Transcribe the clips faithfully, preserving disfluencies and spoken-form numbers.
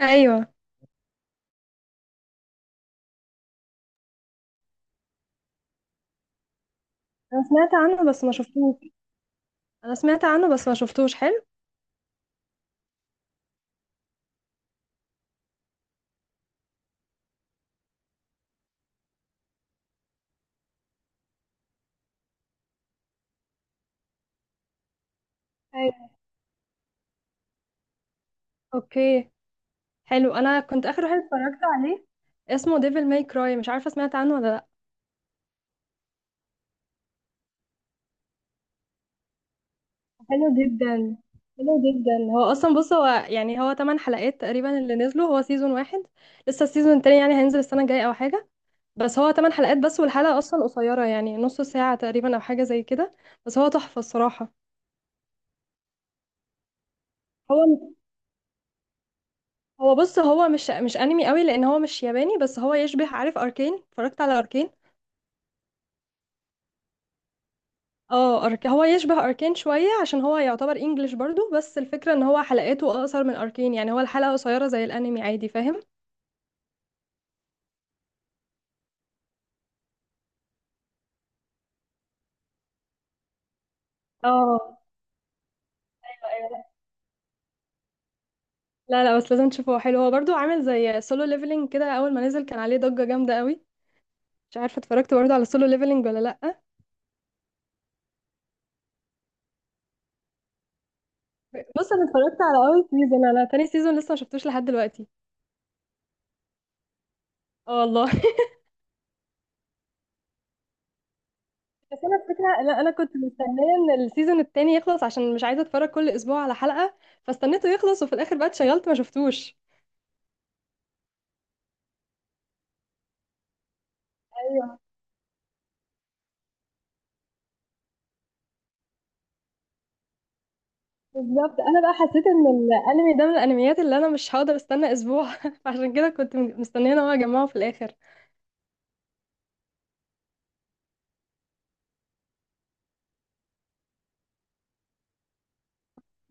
ايوه. انا سمعت عنه بس ما شفتوش انا سمعت عنه بس ما شفتوش. حلو. ايوه. اوكي. حلو، انا كنت اخر واحد اتفرجت عليه، اسمه ديفل ماي كراي. مش عارفه، سمعت عنه ولا لا؟ حلو جدا، حلو جدا. هو اصلا، بص، هو يعني هو 8 حلقات تقريبا اللي نزلوا، هو سيزون واحد. لسه السيزون التاني يعني هينزل السنه الجايه او حاجه. بس هو 8 حلقات بس، والحلقه اصلا قصيره يعني نص ساعه تقريبا او حاجه زي كده. بس هو تحفه الصراحه. هو هو بص، هو مش مش انمي قوي لان هو مش ياباني، بس هو يشبه، عارف اركين؟ اتفرجت على اركين؟ اه. أرك... هو يشبه اركين شويه عشان هو يعتبر انجليش برضو، بس الفكره ان هو حلقاته اقصر من اركين، يعني هو الحلقه قصيره زي الانمي عادي، فاهم؟ اه، ايوه ايوه. لا لا، بس لازم تشوفه، هو حلو. هو برضو عامل زي سولو ليفلينج كده، اول ما نزل كان عليه ضجه جامده قوي. مش عارفه اتفرجت برضو على سولو ليفلينج ولا لا؟ بص انا اتفرجت على اول سيزون، انا تاني سيزون لسه ما شفتوش لحد دلوقتي. اه والله. بس انا الفكره، لا، انا كنت مستنيه ان السيزون التاني يخلص عشان مش عايزه اتفرج كل اسبوع على حلقه، فاستنيته يخلص، وفي الاخر بقى اتشغلت ما شفتوش. ايوه. بالظبط، انا بقى حسيت ان الانمي ده من الانميات اللي انا مش هقدر استنى اسبوع فعشان كده كنت م- مستنيه ان هو يجمعه في الاخر.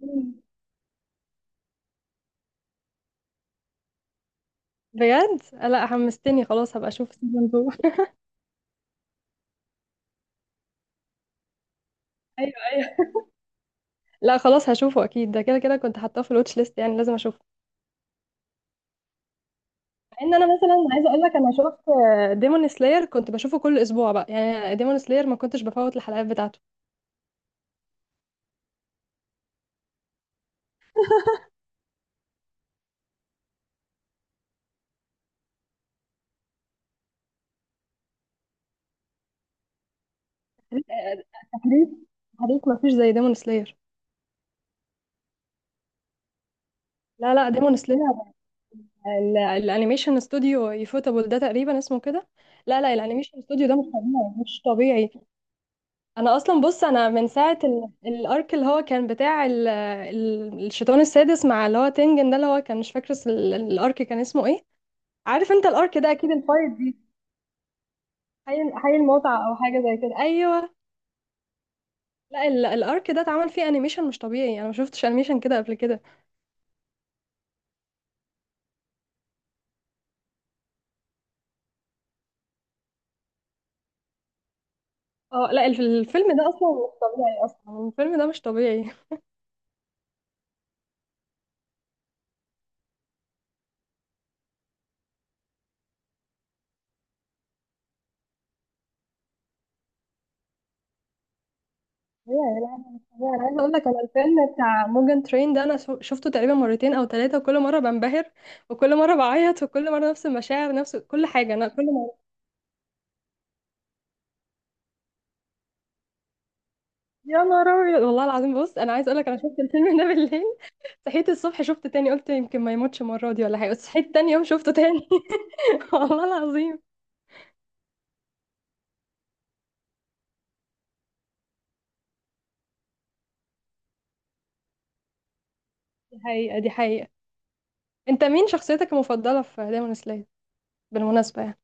مم. بجد؟ لا، حمستني، خلاص هبقى اشوف سيزون تاني. ايوه ايوه. لا خلاص هشوفه اكيد، ده كده كده كنت حاطاه في الواتش ليست، يعني لازم اشوفه. مع ان انا مثلا عايزه اقول لك، انا شفت ديمون سلاير كنت بشوفه كل اسبوع بقى، يعني ديمون سلاير ما كنتش بفوت الحلقات بتاعته. آه، تحريك، تحريك مفيش زي ديمون سلاير. لا لا، ديمون سلاير الانيميشن استوديو يفوتابل ده تقريبا اسمه كده. لا لا، الانيميشن استوديو ده مش طبيعي، مش طبيعي. انا اصلا، بص، انا من ساعه ال- الارك اللي هو كان بتاع ال- ال- الشيطان السادس مع اللي هو تنجن ده، اللي هو كان، مش فاكر اس- ال- الارك كان اسمه ايه. عارف انت الارك ده، اكيد الفايت دي، حي حي المتعه او حاجه زي كده، ايوه. لا ال- الارك ده اتعمل فيه انيميشن مش طبيعي، انا ما شفتش انيميشن كده قبل كده. اه لا، الف- الفيلم ده اصلا مش طبيعي، اصلا الفيلم ده مش طبيعي يا لا مش طبيعي. انا عايزه اقول لك، انا الفيلم بتاع موجان ترين ده انا شو- شفته تقريبا مرتين او ثلاثه، وكل مره بنبهر، وكل مره بعيط، وكل مره نفس المشاعر، نفس كل حاجه، انا كل مره. يا نهار ابيض، والله العظيم. بص انا عايزه اقول لك، انا شفت الفيلم ده بالليل، صحيت الصبح شفته تاني، قلت يمكن ما يموتش المره دي ولا حاجه، بس صحيت تاني يوم شفته تاني. والله العظيم. دي حقيقه، دي حقيقه. انت مين شخصيتك المفضله في دايمون سلاير بالمناسبه يعني؟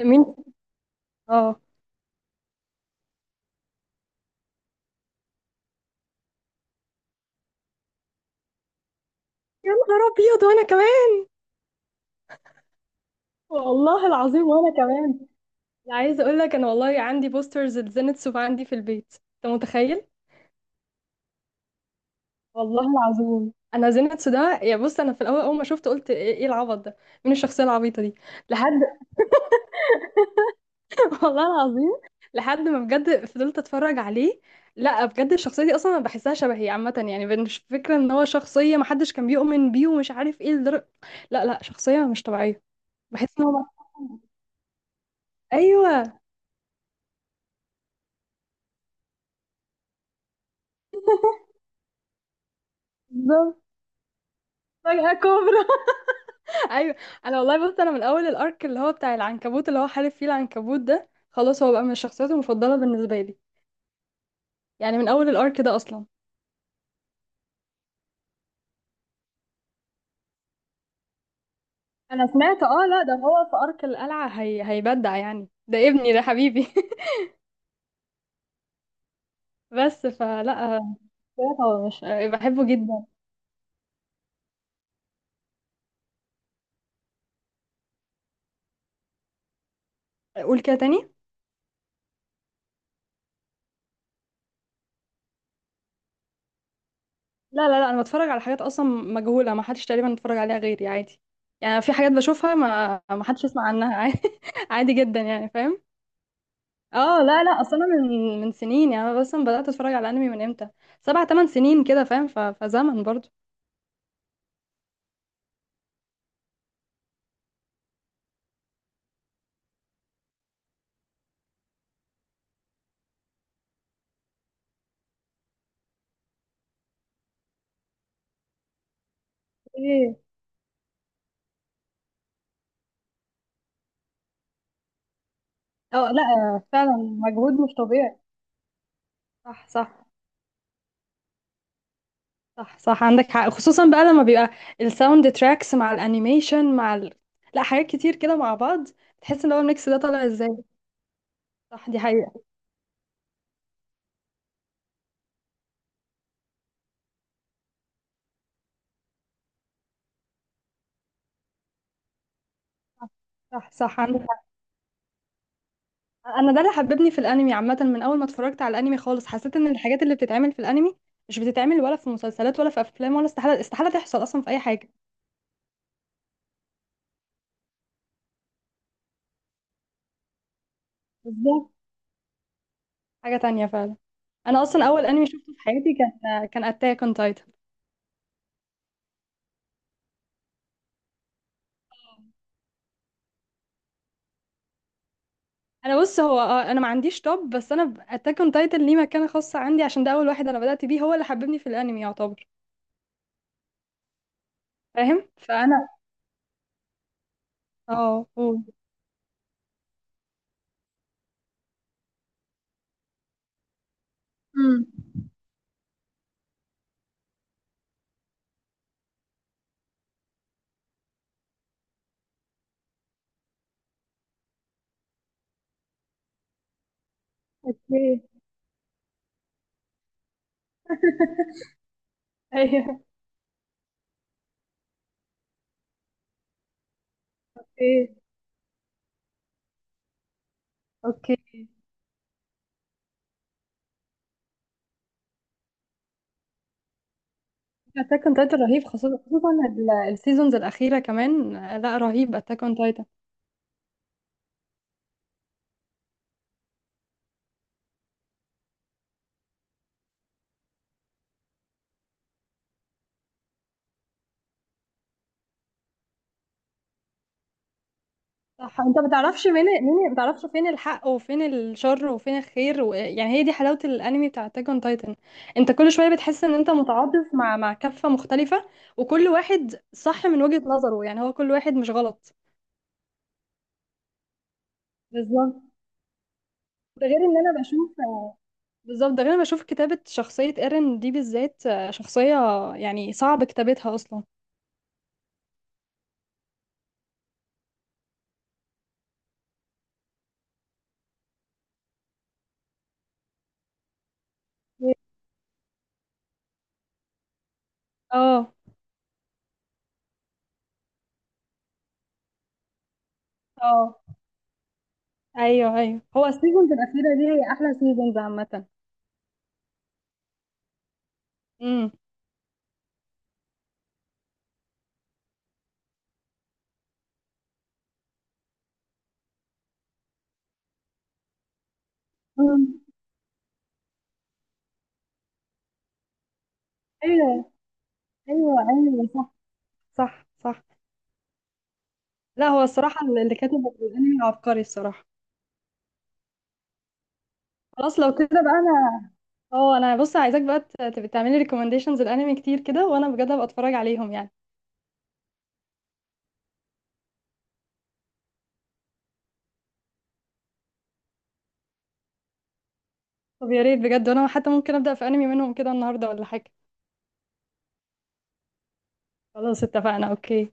مين؟ اه. يا نهار ابيض، وانا كمان. والله العظيم وانا كمان. يعني عايزه اقول لك، انا والله عندي بوسترز لزينتسو عندي في البيت، انت متخيل؟ والله العظيم. انا زينتسو ده، يا بص، انا في الاول اول ما شفته قلت ايه إيه العبط ده؟ مين الشخصيه العبيطه دي؟ لحد. والله العظيم. لحد ما بجد فضلت اتفرج عليه. لا بجد، الشخصيه دي اصلا انا بحسها شبهي عامه، يعني مش فكره ان هو شخصيه محدش كان بيؤمن بيه ومش عارف ايه لدرجه. لا لا، شخصيه مش طبيعيه. بحس ان هو. ايوه بالظبط، فجأة كوبرا. ايوه، انا والله، بص، انا من اول الارك اللي هو بتاع العنكبوت، اللي هو حارب فيه العنكبوت ده، خلاص هو بقى من الشخصيات المفضله بالنسبه لي، يعني من اول الارك ده اصلا. انا سمعت، اه لا، ده هو في ارك القلعه، هي... هيبدع، يعني ده ابني ده، حبيبي. بس فلا، شخصيات هو مش، بحبه جدا. قول كده تاني. لا لا لا، انا بتفرج على حاجات اصلا مجهوله، ما حدش تقريبا اتفرج عليها غيري، عادي. يعني في حاجات بشوفها ما ما حدش يسمع عنها عادي، عادي جدا، يعني فاهم. اه، لا لا، اصلا أنا من من سنين، يعني انا اصلا بدات اتفرج على انمي من امتى؟ سبع ثمان سنين كده، فاهم؟ ف- فزمن برضو. ايه؟ اه لا، فعلا مجهود مش طبيعي. صح صح. صح صح، عندك حق، خصوصا بقى لما بيبقى الساوند تراكس مع الانيميشن مع ال... لا حاجات كتير كده مع بعض، تحس ان هو الميكس ده طالع ازاي. صح، دي حقيقة. صح صح، عندك حق. انا ده اللي حببني في الانمي عامة، من اول ما اتفرجت على الانمي خالص حسيت ان الحاجات اللي بتتعمل في الانمي مش بتتعمل ولا في مسلسلات ولا في افلام، ولا استحالة، استحالة تحصل اصلا في اي حاجة. بالظبط، حاجة تانية فعلا. انا اصلا اول انمي شفته في حياتي كان كان اتاك اون تايتن. انا بص، هو آه، انا ما عنديش توب، بس انا اتاك اون تايتن ليه مكانة خاصة عندي، عشان ده اول واحد انا بدأت بيه، هو اللي حببني في الانمي يعتبر، فاهم؟ فانا، اه قول. امم. اوكي. ايوه. اوكي. اوكي. اتاك اون تايتن رهيب، خصوصا خصوصا ال- السيزونز الاخيرة كمان. آه، لا رهيب اتاك اون تايتن. صح، انت ما تعرفش مين، مين ما تعرفش فين الحق وفين الشر وفين الخير و... يعني هي دي حلاوة الانمي بتاع اتاك اون تايتن. انت كل شوية بتحس ان انت متعاطف مع مع كفة مختلفة، وكل واحد صح من وجهة نظره، يعني هو كل واحد مش غلط. بالظبط، ده غير ان انا بشوف بالظبط ده غير انا بشوف كتابة شخصية ايرين دي بالذات، آه، شخصية يعني صعب كتابتها اصلا. اه اه ايوه ايوه. هو السيزونز الاخيرة دي هي احلى سيزونز عامة. امم. أمم. ايوه ايوه ايوه. صح صح صح. لا هو الصراحه اللي كاتب الانمي عبقري الصراحه. خلاص لو كده بقى انا، اه انا بص، عايزاك بقى ت- تبقى تعملي ريكومنديشنز الانمي كتير كده، وانا بجد هبقى اتفرج عليهم يعني. طب يا ريت بجد، وانا حتى ممكن ابدا في انمي منهم كده النهارده ولا حاجه. خلاص، اتفقنا. اوكي.